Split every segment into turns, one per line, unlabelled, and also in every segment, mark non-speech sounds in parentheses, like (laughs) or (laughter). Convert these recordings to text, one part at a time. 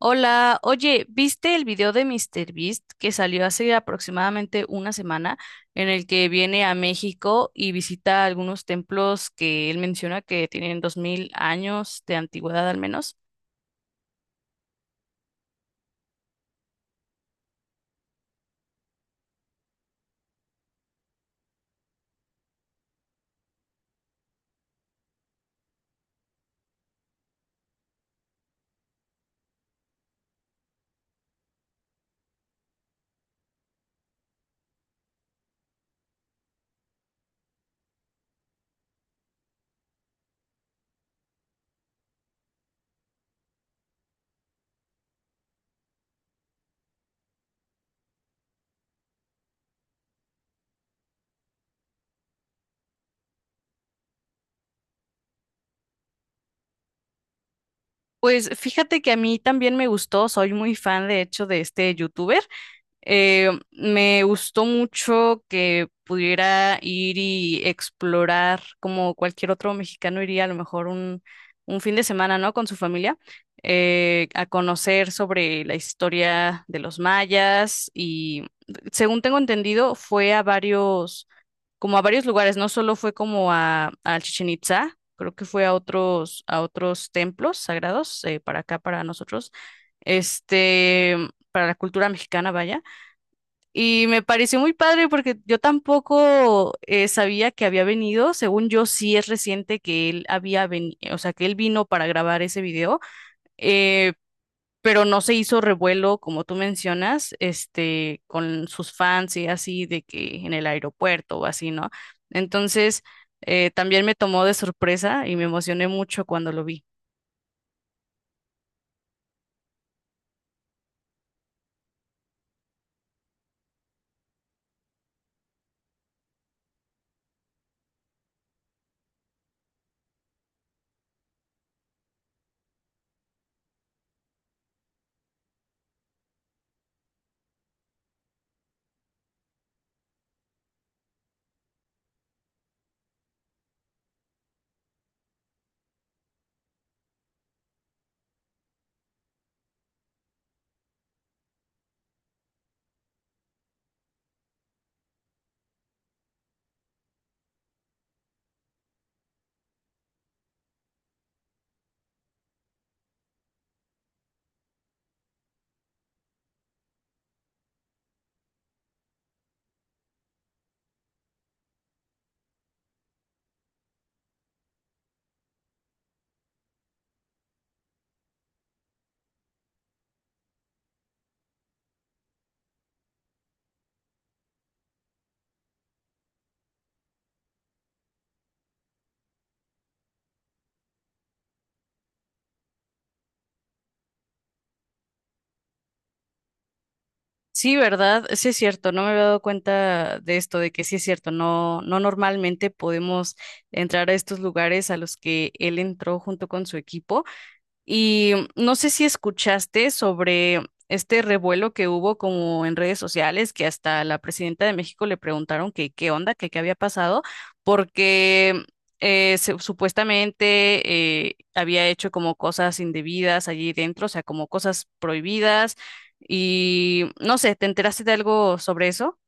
Hola, oye, ¿viste el video de míster Beast que salió hace aproximadamente una semana en el que viene a México y visita algunos templos que él menciona que tienen 2000 años de antigüedad al menos? Pues fíjate que a mí también me gustó, soy muy fan de hecho de este youtuber. Me gustó mucho que pudiera ir y explorar como cualquier otro mexicano iría a lo mejor un fin de semana, ¿no? Con su familia, a conocer sobre la historia de los mayas y según tengo entendido fue a varios, como a varios lugares, no solo fue como a Chichén Itzá, creo que fue a otros templos sagrados, para acá, para nosotros, este, para la cultura mexicana, vaya. Y me pareció muy padre porque yo tampoco sabía que había venido. Según yo, sí es reciente que él había venido, o sea, que él vino para grabar ese video, eh, pero no se hizo revuelo, como tú mencionas, este, con sus fans y así, de que en el aeropuerto o así, ¿no? Entonces, también me tomó de sorpresa y me emocioné mucho cuando lo vi. Sí, ¿verdad? Sí es cierto, no me había dado cuenta de esto, de que sí es cierto, no, no normalmente podemos entrar a estos lugares a los que él entró junto con su equipo. Y no sé si escuchaste sobre este revuelo que hubo como en redes sociales, que hasta la presidenta de México le preguntaron que qué onda, que qué había pasado, porque supuestamente había hecho como cosas indebidas allí dentro, o sea, como cosas prohibidas. Y no sé, ¿te enteraste de algo sobre eso?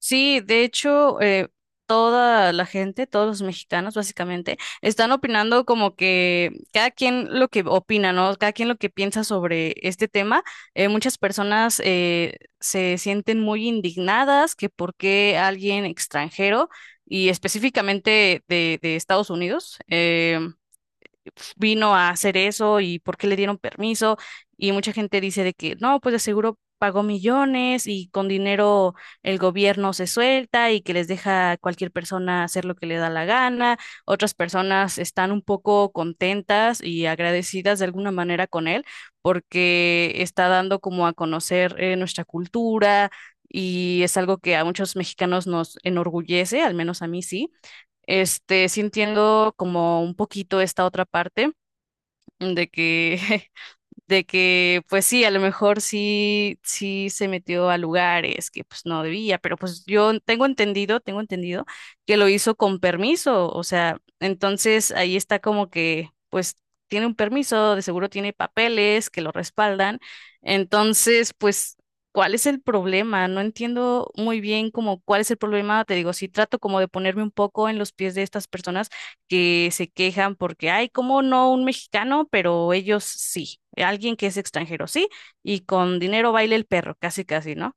Sí, de hecho, toda la gente, todos los mexicanos básicamente, están opinando como que cada quien lo que opina, ¿no? Cada quien lo que piensa sobre este tema. Muchas personas se sienten muy indignadas que por qué alguien extranjero y específicamente de Estados Unidos vino a hacer eso y por qué le dieron permiso. Y mucha gente dice de que no, pues de seguro pagó millones y con dinero el gobierno se suelta y que les deja a cualquier persona hacer lo que le da la gana. Otras personas están un poco contentas y agradecidas de alguna manera con él porque está dando como a conocer nuestra cultura. Y es algo que a muchos mexicanos nos enorgullece, al menos a mí sí. Este, sintiendo como un poquito esta otra parte de que, (laughs) de que, pues sí, a lo mejor sí, sí se metió a lugares que pues no debía, pero pues yo tengo entendido que lo hizo con permiso, o sea, entonces ahí está como que, pues tiene un permiso, de seguro tiene papeles que lo respaldan, entonces pues... ¿Cuál es el problema? No entiendo muy bien como cuál es el problema. Te digo, si trato como de ponerme un poco en los pies de estas personas que se quejan porque, ay, ¿cómo no un mexicano? Pero ellos sí, alguien que es extranjero sí, y con dinero baila el perro, casi casi, ¿no?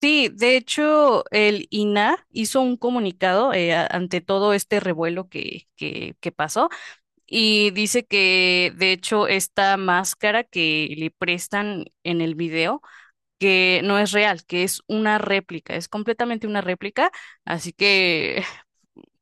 Sí, de hecho, el INAH hizo un comunicado ante todo este revuelo que pasó y dice que, de hecho, esta máscara que le prestan en el video, que no es real, que es una réplica, es completamente una réplica, así que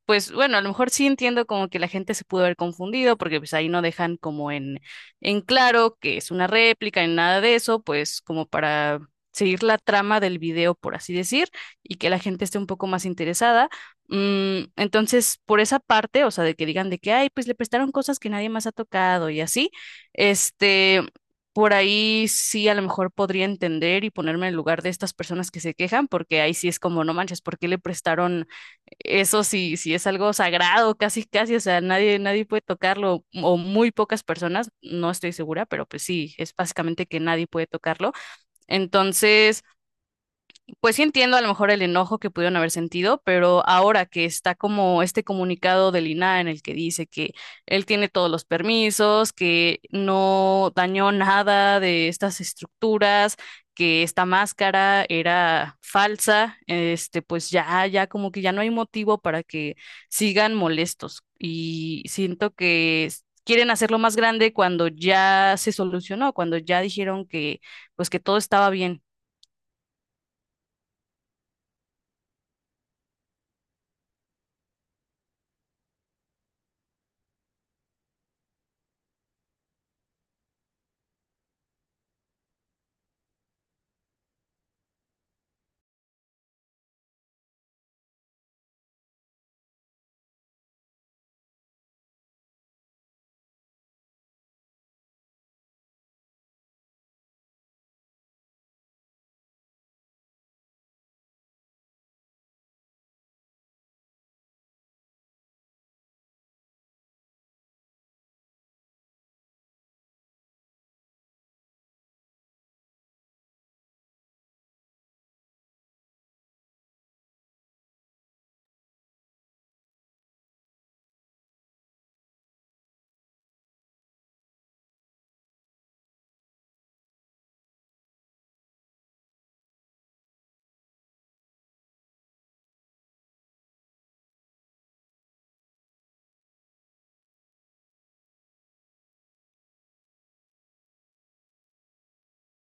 pues bueno, a lo mejor sí entiendo como que la gente se pudo haber confundido porque pues ahí no dejan como en claro que es una réplica ni nada de eso, pues como para seguir la trama del video, por así decir, y que la gente esté un poco más interesada. Mm, entonces, por esa parte, o sea, de que digan de que, ay, pues le prestaron cosas que nadie más ha tocado y así, este... Por ahí sí a lo mejor podría entender y ponerme en el lugar de estas personas que se quejan, porque ahí sí es como, no manches, ¿por qué le prestaron eso? Sí, sí es algo sagrado, casi, casi, o sea, nadie, nadie puede tocarlo, o muy pocas personas, no estoy segura, pero pues sí, es básicamente que nadie puede tocarlo. Entonces, pues sí entiendo a lo mejor el enojo que pudieron haber sentido, pero ahora que está como este comunicado del INAH en el que dice que él tiene todos los permisos, que no dañó nada de estas estructuras, que esta máscara era falsa, este, pues ya, ya como que ya no hay motivo para que sigan molestos. Y siento que quieren hacerlo más grande cuando ya se solucionó, cuando ya dijeron que, pues que todo estaba bien.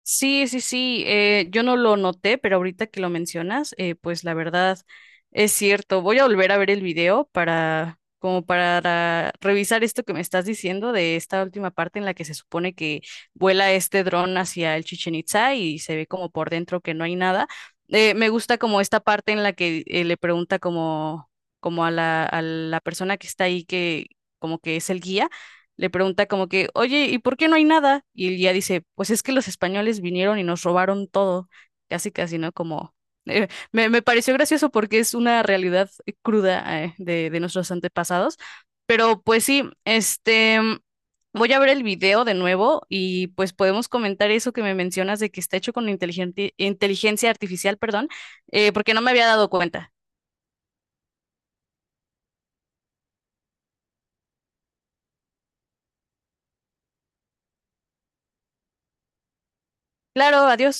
Sí, sí, sí, yo no lo noté, pero ahorita que lo mencionas, pues la verdad es cierto. Voy a volver a ver el video para, como para revisar esto que me estás diciendo de esta última parte en la que se supone que vuela este dron hacia el Chichen Itza y se ve como por dentro que no hay nada. Me gusta como esta parte en la que le pregunta como, como a a la persona que está ahí que como que es el guía, le pregunta como que, oye, ¿y por qué no hay nada? Y él ya dice, pues es que los españoles vinieron y nos robaron todo, casi casi, ¿no? Como, me pareció gracioso porque es una realidad cruda, de nuestros antepasados, pero pues sí, este, voy a ver el video de nuevo y pues podemos comentar eso que me mencionas de que está hecho con inteligencia artificial, perdón, porque no me había dado cuenta. Claro, adiós.